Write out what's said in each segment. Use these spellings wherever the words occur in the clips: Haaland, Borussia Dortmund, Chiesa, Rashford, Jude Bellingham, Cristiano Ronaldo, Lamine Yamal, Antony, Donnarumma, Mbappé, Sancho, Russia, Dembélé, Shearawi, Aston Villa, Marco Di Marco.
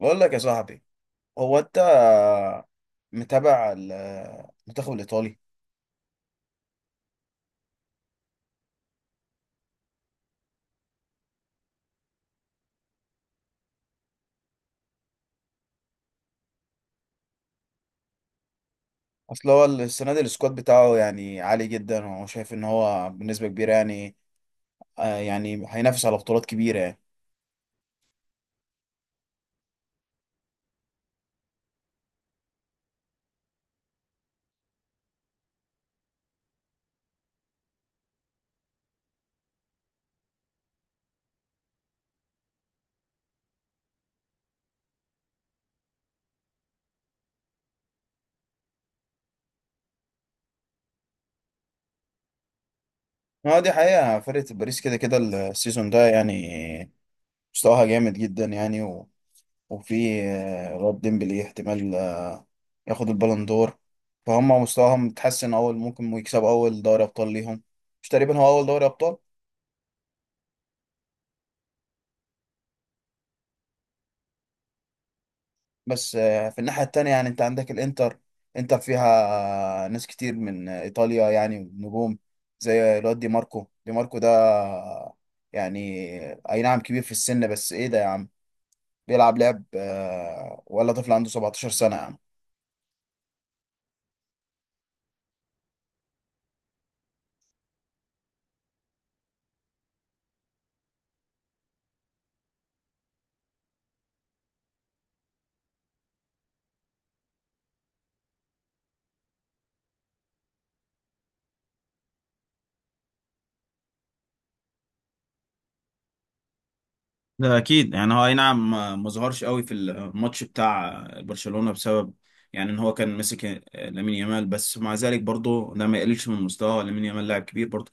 بقول لك يا صاحبي، هو انت متابع المنتخب الايطالي؟ اصل هو السنه دي السكواد بتاعه يعني عالي جدا، وهو شايف ان هو بنسبه كبيره يعني آه يعني هينافس على بطولات كبيره يعني. ما دي حقيقه، فرقه باريس كده كده السيزون ده يعني مستواها جامد جدا يعني، وفي الواد ديمبلي احتمال ياخد البالون دور. فهم مستواهم متحسن، اول ممكن يكسب اول دوري ابطال ليهم. مش تقريبا هو اول دوري ابطال؟ بس في الناحية التانية يعني انت عندك الانتر، انتر فيها ناس كتير من ايطاليا يعني نجوم، زي الواد دي ماركو. دي ماركو ده يعني اي نعم كبير في السن، بس ايه ده يا عم، بيلعب لعب ولا طفل عنده 17 سنة يا عم. ده اكيد يعني، هو اي نعم ما ظهرش قوي في الماتش بتاع برشلونة بسبب يعني ان هو كان مسك لامين يامال، بس مع ذلك برضه ده ما يقللش من مستواه، لامين يامال لاعب كبير برضه.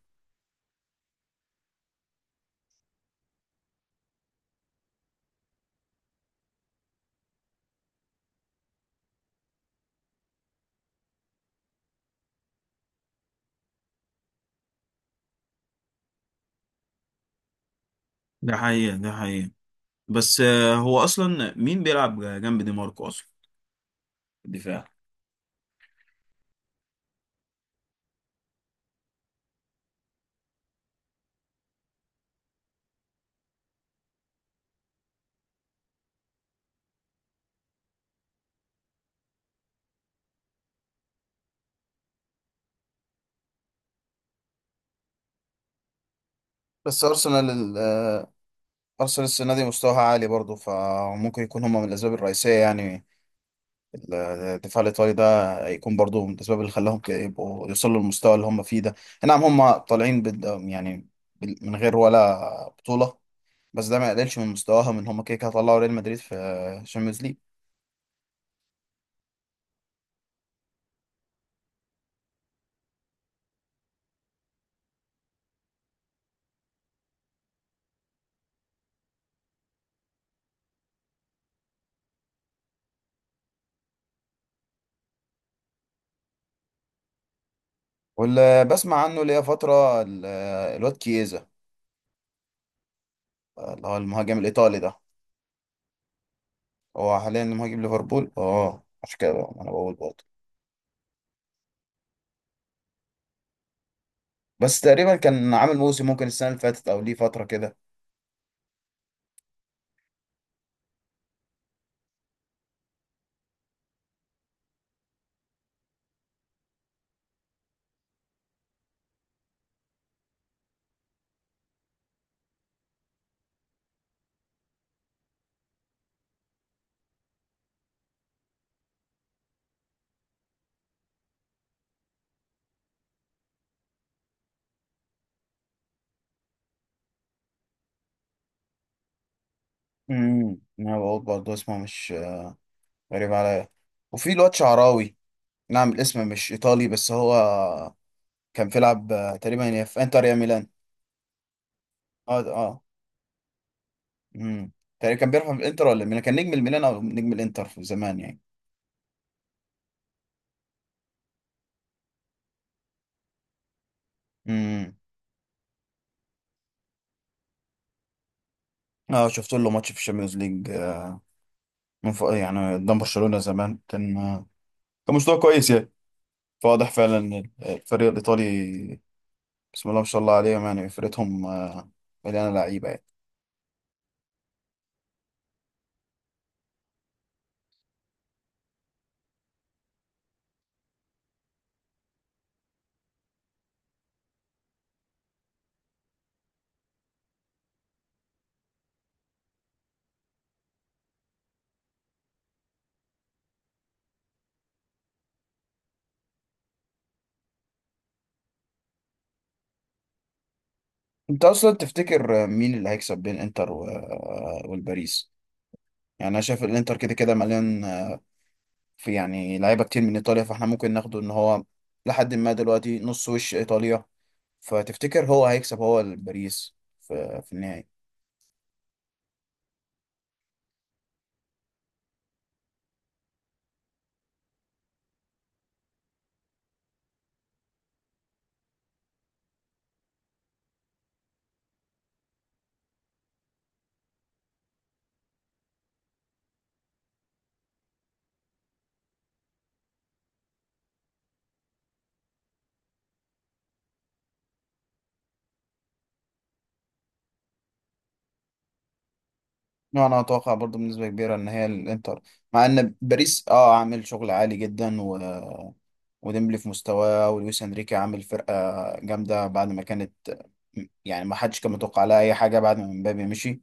ده حقيقة، ده حقيقة، بس هو اصلا مين بيلعب جنب دي ماركو اصلا في الدفاع؟ بس ارسنال ال- آه، ارسنال السنه دي مستواها عالي برضه، فممكن يكون هما من الاسباب الرئيسيه يعني. الدفاع الايطالي ده يكون برضه من الاسباب اللي خلاهم يبقوا يوصلوا للمستوى اللي هما فيه ده. نعم، هما طالعين يعني من غير ولا بطوله، بس ده ما يقللش من مستواها، من هما كده كده طلعوا ريال مدريد في الشامبيونز ليج. واللي بسمع عنه ليا فتره الواد كييزا، اللي هو المهاجم الايطالي ده. هو حاليا مهاجم ليفربول، اه عشان كده بقى، ما انا بقول برضه. بس تقريبا كان عامل موسم، ممكن السنه اللي فاتت او ليه فتره كده. انا بقول برضه اسمه مش غريب عليا. وفي الواد شعراوي، نعم الاسم مش ايطالي، بس هو كان بيلعب تقريبا يا في انتر يا ميلان. اه اه. امم تقريبا كان بيلعب في الانتر ولا ميلان، كان نجم الميلان او نجم الانتر في زمان يعني. امم اه شفت له ماتش في الشامبيونز ليج، من فوق يعني قدام برشلونه زمان، كان كان مستوى كويس يعني. فواضح فعلا إن الفريق الإيطالي، بسم الله ما شاء الله عليهم يعني، فرقتهم مليانة لعيبة يعني. أنت أصلا تفتكر مين اللي هيكسب بين إنتر و- آه، والباريس؟ يعني أنا شايف الإنتر كده كده مليان في يعني لعيبة كتير من إيطاليا، فإحنا ممكن ناخده إن هو لحد ما دلوقتي نص وش إيطاليا. فتفتكر هو هيكسب، هو الباريس، في في النهائي؟ لا، انا اتوقع برضو بنسبه كبيره ان هي الانتر. مع ان باريس اه عامل شغل عالي جدا، و وديمبلي في مستواه، ولويس انريكي عامل فرقه جامده، بعد ما كانت يعني ما حدش كان متوقع لها اي حاجه بعد ما مبابي مشي.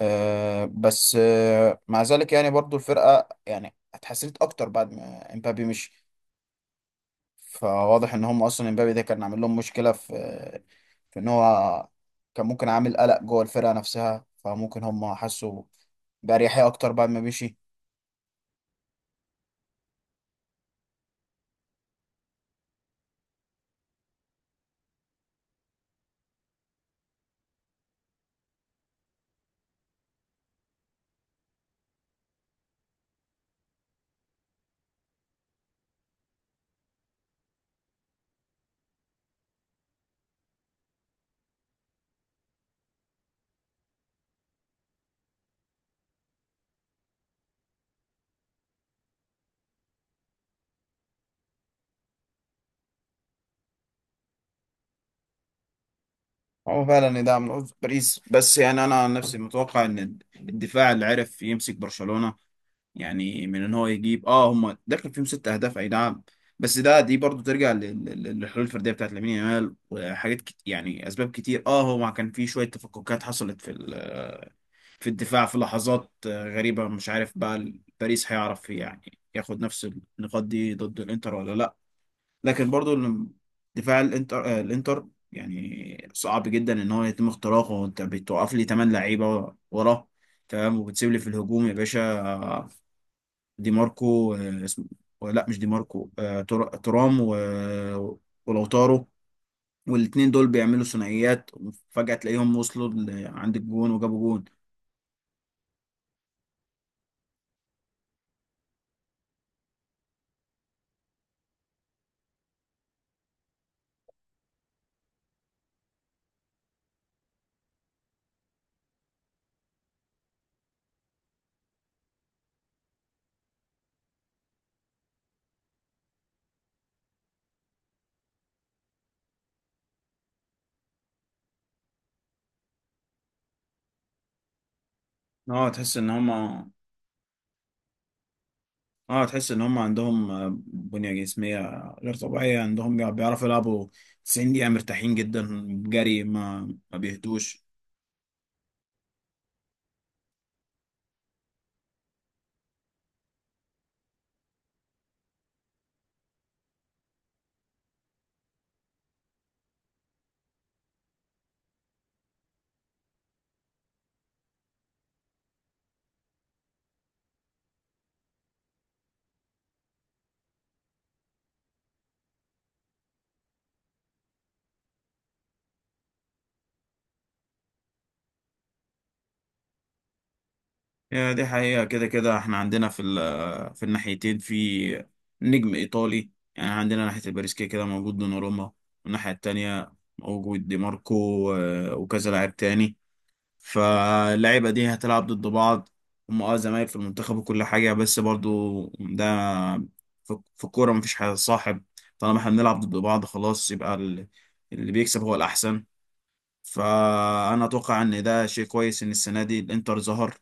آه بس آه مع ذلك يعني برضو الفرقه يعني اتحسنت اكتر بعد ما امبابي مشي. فواضح ان هم اصلا امبابي ده كان عامل لهم مشكله في في ان هو كان ممكن عامل قلق جوه الفرقه نفسها، فممكن هم حسوا باريحيه اكتر بعد ما مشي. هو فعلا ده من عذر باريس، بس يعني انا عن نفسي متوقع ان الدفاع اللي عرف يمسك برشلونه، يعني من ان هو يجيب اه هم داخل فيهم ست اهداف اي نعم، بس ده دي برضو ترجع للحلول الفرديه بتاعت لامين يامال، يعني اسباب كتير. اه هو كان في شويه تفككات حصلت في الدفاع، في لحظات غريبة، مش عارف بقى باريس هيعرف يعني ياخد نفس النقاط دي ضد الانتر ولا لا. لكن برضو دفاع الانتر الانتر يعني صعب جدا ان هو يتم اختراقه، انت بتوقف لي 8 لعيبة وراه تمام، وبتسيب لي في الهجوم يا باشا دي ماركو اسمه، لا مش دي ماركو، ترام ولوتارو. والاتنين دول بيعملوا ثنائيات، وفجأة تلاقيهم وصلوا عند الجون وجابوا جون. اه تحس ان هما، اه تحس ان هم عندهم بنية جسمية غير طبيعية، عندهم بيعرفوا يلعبوا 90 دقيقة مرتاحين جدا، جري ما بيهدوش. هي دي حقيقة، كده كده احنا عندنا في الناحيتين في نجم ايطالي. يعني عندنا ناحية الباريس كده كده موجود دوناروما، والناحية التانية موجود دي ماركو وكذا لاعب تاني. فاللعيبة دي هتلعب ضد بعض، هم اه زمايل في المنتخب وكل حاجة، بس برضو ده في في الكورة مفيش حاجة صاحب، طالما احنا بنلعب ضد بعض خلاص، يبقى اللي بيكسب هو الأحسن. فأنا أتوقع إن ده شيء كويس إن السنة دي الإنتر ظهر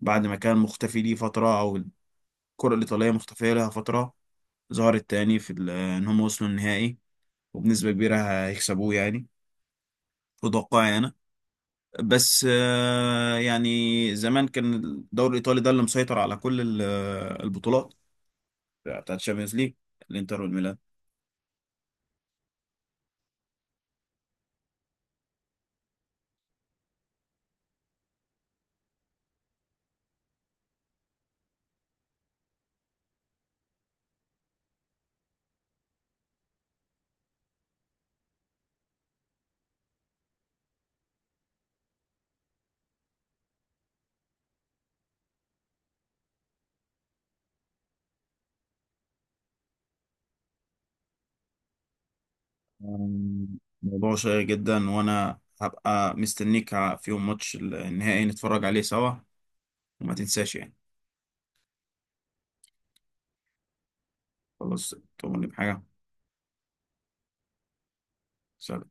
بعد ما كان مختفي ليه فترة، أو الكرة الإيطالية مختفية لها فترة، ظهرت تاني إن هم وصلوا النهائي. وبنسبة كبيرة هيكسبوه يعني، في توقعي أنا. بس يعني زمان كان الدوري الإيطالي ده اللي مسيطر على كل البطولات بتاعت الشامبيونز ليج، الإنتر والميلان. موضوع شيق جدا، وأنا هبقى مستنيك في يوم ماتش النهائي نتفرج عليه سوا، وما تنساش يعني. خلاص، تؤمرني بحاجة. سلام.